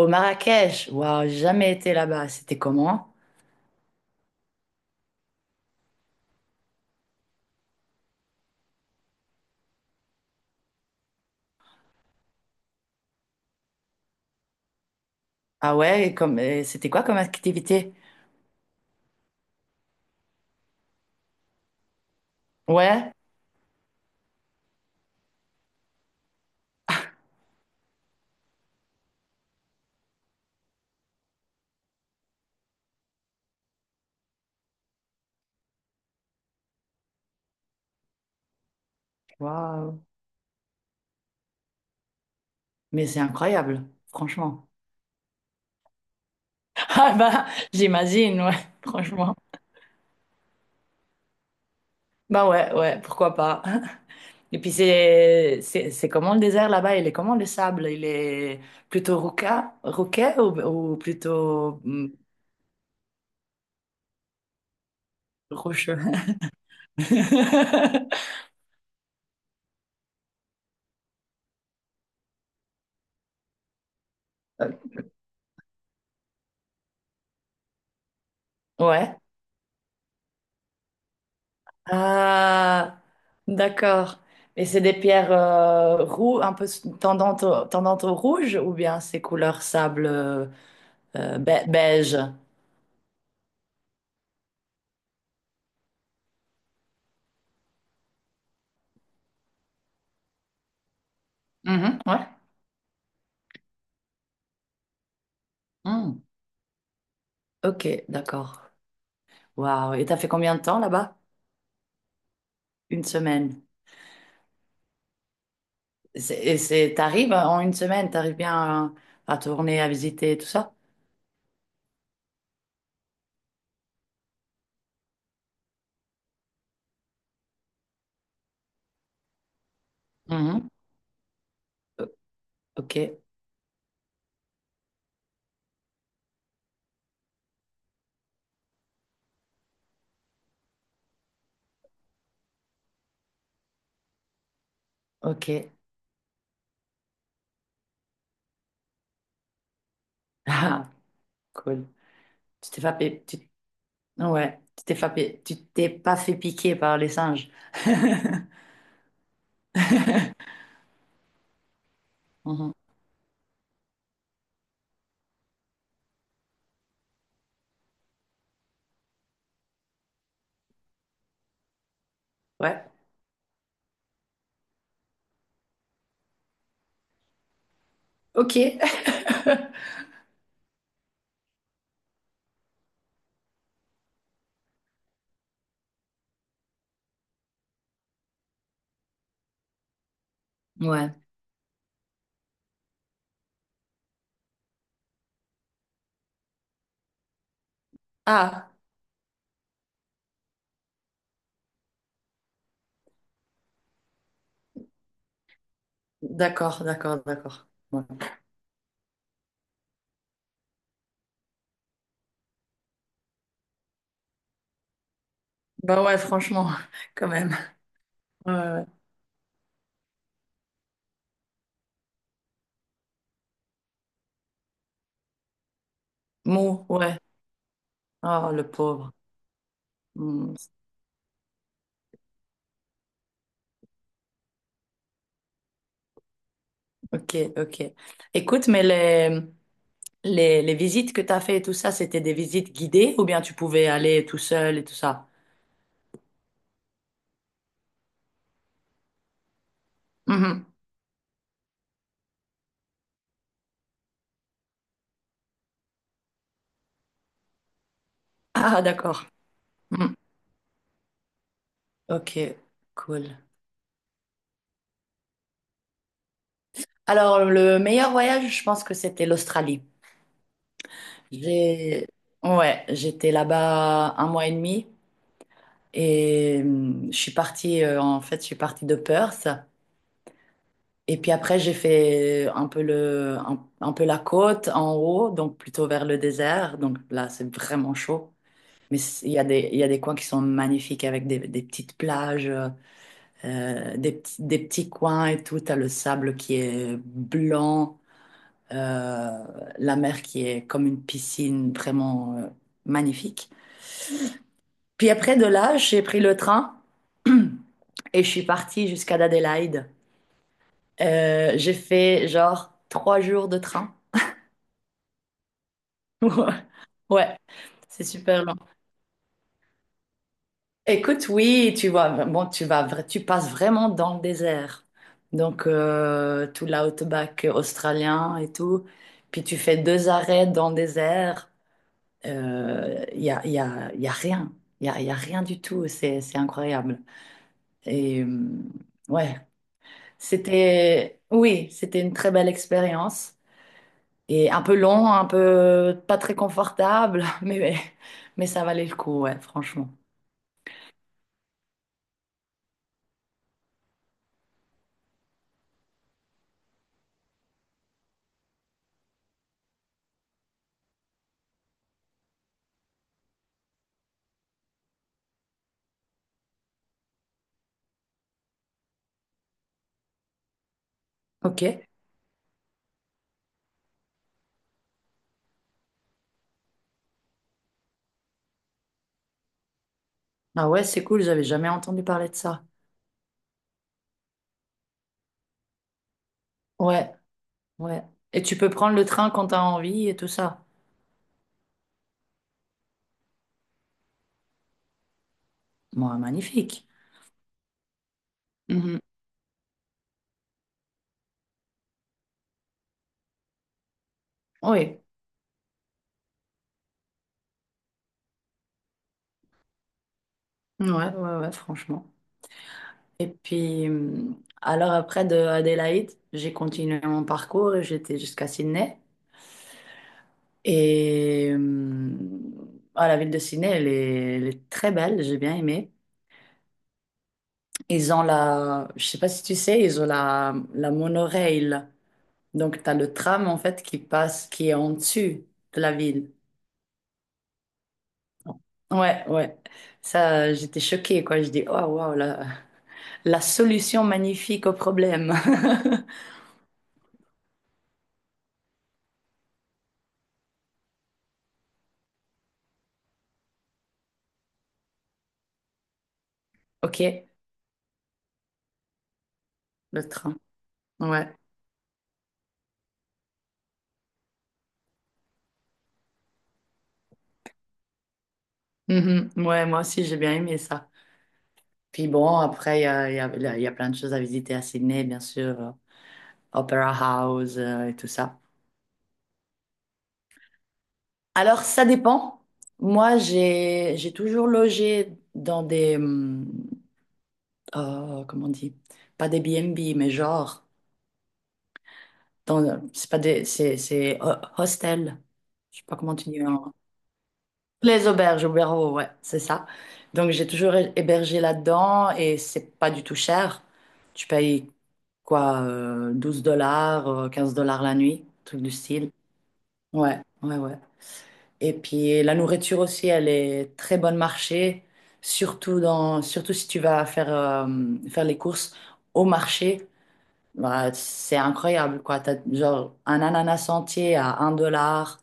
Au Marrakech, waouh, j'ai jamais été là-bas. C'était comment? Ah ouais, et c'était quoi comme activité? Ouais, waouh, mais c'est incroyable, franchement. Ah bah, j'imagine, ouais, franchement. Bah ouais, ouais, pourquoi pas. Et puis c'est comment le désert là-bas? Il est comment le sable? Il est plutôt roquet ou plutôt rocheux? Ouais. Ah, d'accord. Et c'est des pierres roux, un peu tendantes au rouge ou bien c'est couleur sable beige? Mhm. Ouais. Mm. Ok, d'accord. Waouh. Et t'as fait combien de temps là-bas? Une semaine. Et c'est, t'arrives en une semaine, t'arrives bien à tourner, à visiter, tout ça? Mhm. Ok, ok. Ah, cool. Tu t'es pas fait, tu... Ouais, tu t'es pas fait piquer par les singes. Mhm. Ouais. Ok. Ouais. Ah, d'accord, d'accord, d'accord. Ouais. Bah ouais, franchement, quand même. Ouais, ouais. Mou, ouais. Oh, le pauvre. Hmm. Ok, ok. Écoute, mais les visites que tu as fait et tout ça, c'était des visites guidées ou bien tu pouvais aller tout seul et tout ça? Mhm. Ah, d'accord. Hmm. Ok, cool. Alors, le meilleur voyage, je pense que c'était l'Australie. J'ai... Ouais, j'étais là-bas un mois et demi. Et je suis partie, en fait, je suis partie de Perth. Et puis après, j'ai fait un peu la côte en haut, donc plutôt vers le désert. Donc là, c'est vraiment chaud. Mais il y a des coins qui sont magnifiques avec des petites plages, des petits coins et tout. T'as le sable qui est blanc, euh, la mer qui est comme une piscine vraiment, magnifique. Puis après, de là, j'ai pris le train. Et je suis partie jusqu'à Adélaïde. J'ai fait genre 3 jours de train. Ouais, c'est super long. Écoute, oui, tu vois, bon, tu passes vraiment dans le désert. Donc, tout l'outback australien et tout. Puis tu fais deux arrêts dans le désert. Il y a rien. Il y a rien du tout. C'est incroyable. Et ouais, c'était, oui, c'était une très belle expérience. Et un peu long, un peu pas très confortable, mais ça valait le coup, ouais, franchement. Ok. Ah ouais, c'est cool, j'avais jamais entendu parler de ça. Ouais, ouais. Et tu peux prendre le train quand t'as envie et tout ça. Moi, magnifique. Mhm. Oui, ouais, ouais, ouais, franchement. Et puis, alors après de Adélaïde, j'ai continué mon parcours et j'étais jusqu'à Sydney. Et ah, la ville de Sydney, elle est très belle, j'ai bien aimé. Ils ont la, je sais pas si tu sais, ils ont la monorail. Donc, tu as le tram, en fait, qui passe, qui est en dessus de la ville. Ouais, ouais. Ça, j'étais choquée, quoi. Je dis, oh, waouh, la solution magnifique au problème. Ok, le train. Ouais. Mhm. Ouais, moi aussi, j'ai bien aimé ça. Puis bon, après, il y a, il y a- il y a plein de choses à visiter à Sydney, bien sûr. Opera House, et tout ça. Alors, ça dépend. Moi, j'ai toujours logé dans des oh, comment on dit? Pas des B&B, mais genre dans c'est pas des c'est hostel. Je sais pas comment tu dis. Les auberges, auberges, ouais, c'est ça. Donc j'ai toujours hébergé là-dedans et c'est pas du tout cher. Tu payes quoi 12 dollars, 15 $ la nuit, truc du style. Ouais, ouais, ouais. Et puis la nourriture aussi, elle est très bonne marché, surtout si tu vas faire les courses au marché. Bah, c'est incroyable, quoi. T'as genre un ananas entier à un dollar.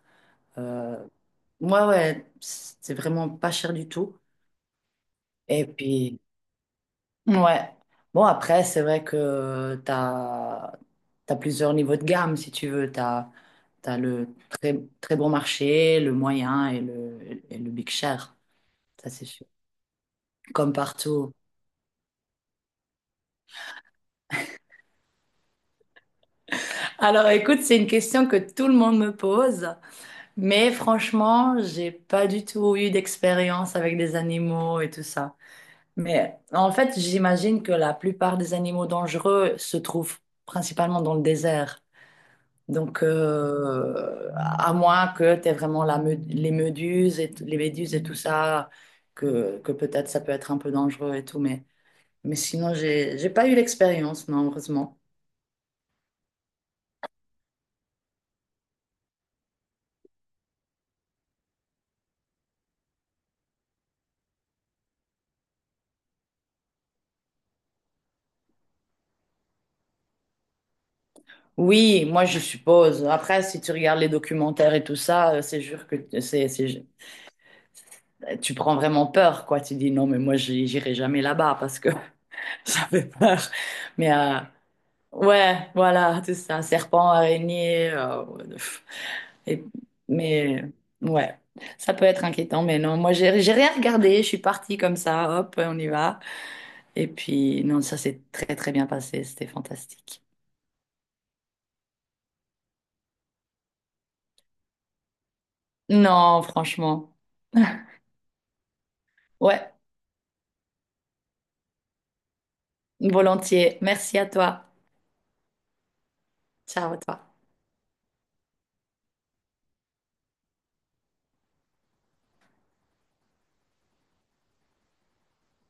Euh, ouais, ouais, c'est vraiment pas cher du tout. Et puis, ouais. Bon, après, c'est vrai que t'as plusieurs niveaux de gamme, si tu veux. T'as le très, très bon marché, le moyen et le big cher. Ça, c'est sûr. Comme partout. Alors écoute, c'est une question que tout le monde me pose, mais franchement, j'ai pas du tout eu d'expérience avec des animaux et tout ça. Mais en fait, j'imagine que la plupart des animaux dangereux se trouvent principalement dans le désert. Donc, à moins que tu aies vraiment les méduses et les méduses et tout ça, que peut-être ça peut être un peu dangereux et tout, mais sinon, j'ai pas eu l'expérience, non, heureusement. Oui, moi je suppose. Après, si tu regardes les documentaires et tout ça, c'est sûr que t- c'est- tu prends vraiment peur, quoi. Tu dis non, mais moi j'irai jamais là-bas parce que ça fait peur. Mais ouais, voilà, c'est ça, serpent, araignée. Pff, et- mais ouais, ça peut être inquiétant, mais non, moi j'ai rien regardé. Je suis partie comme ça, hop, on y va. Et puis non, ça s'est très très bien passé, c'était fantastique. Non, franchement, ouais. Volontiers. Merci à toi. Ciao à toi.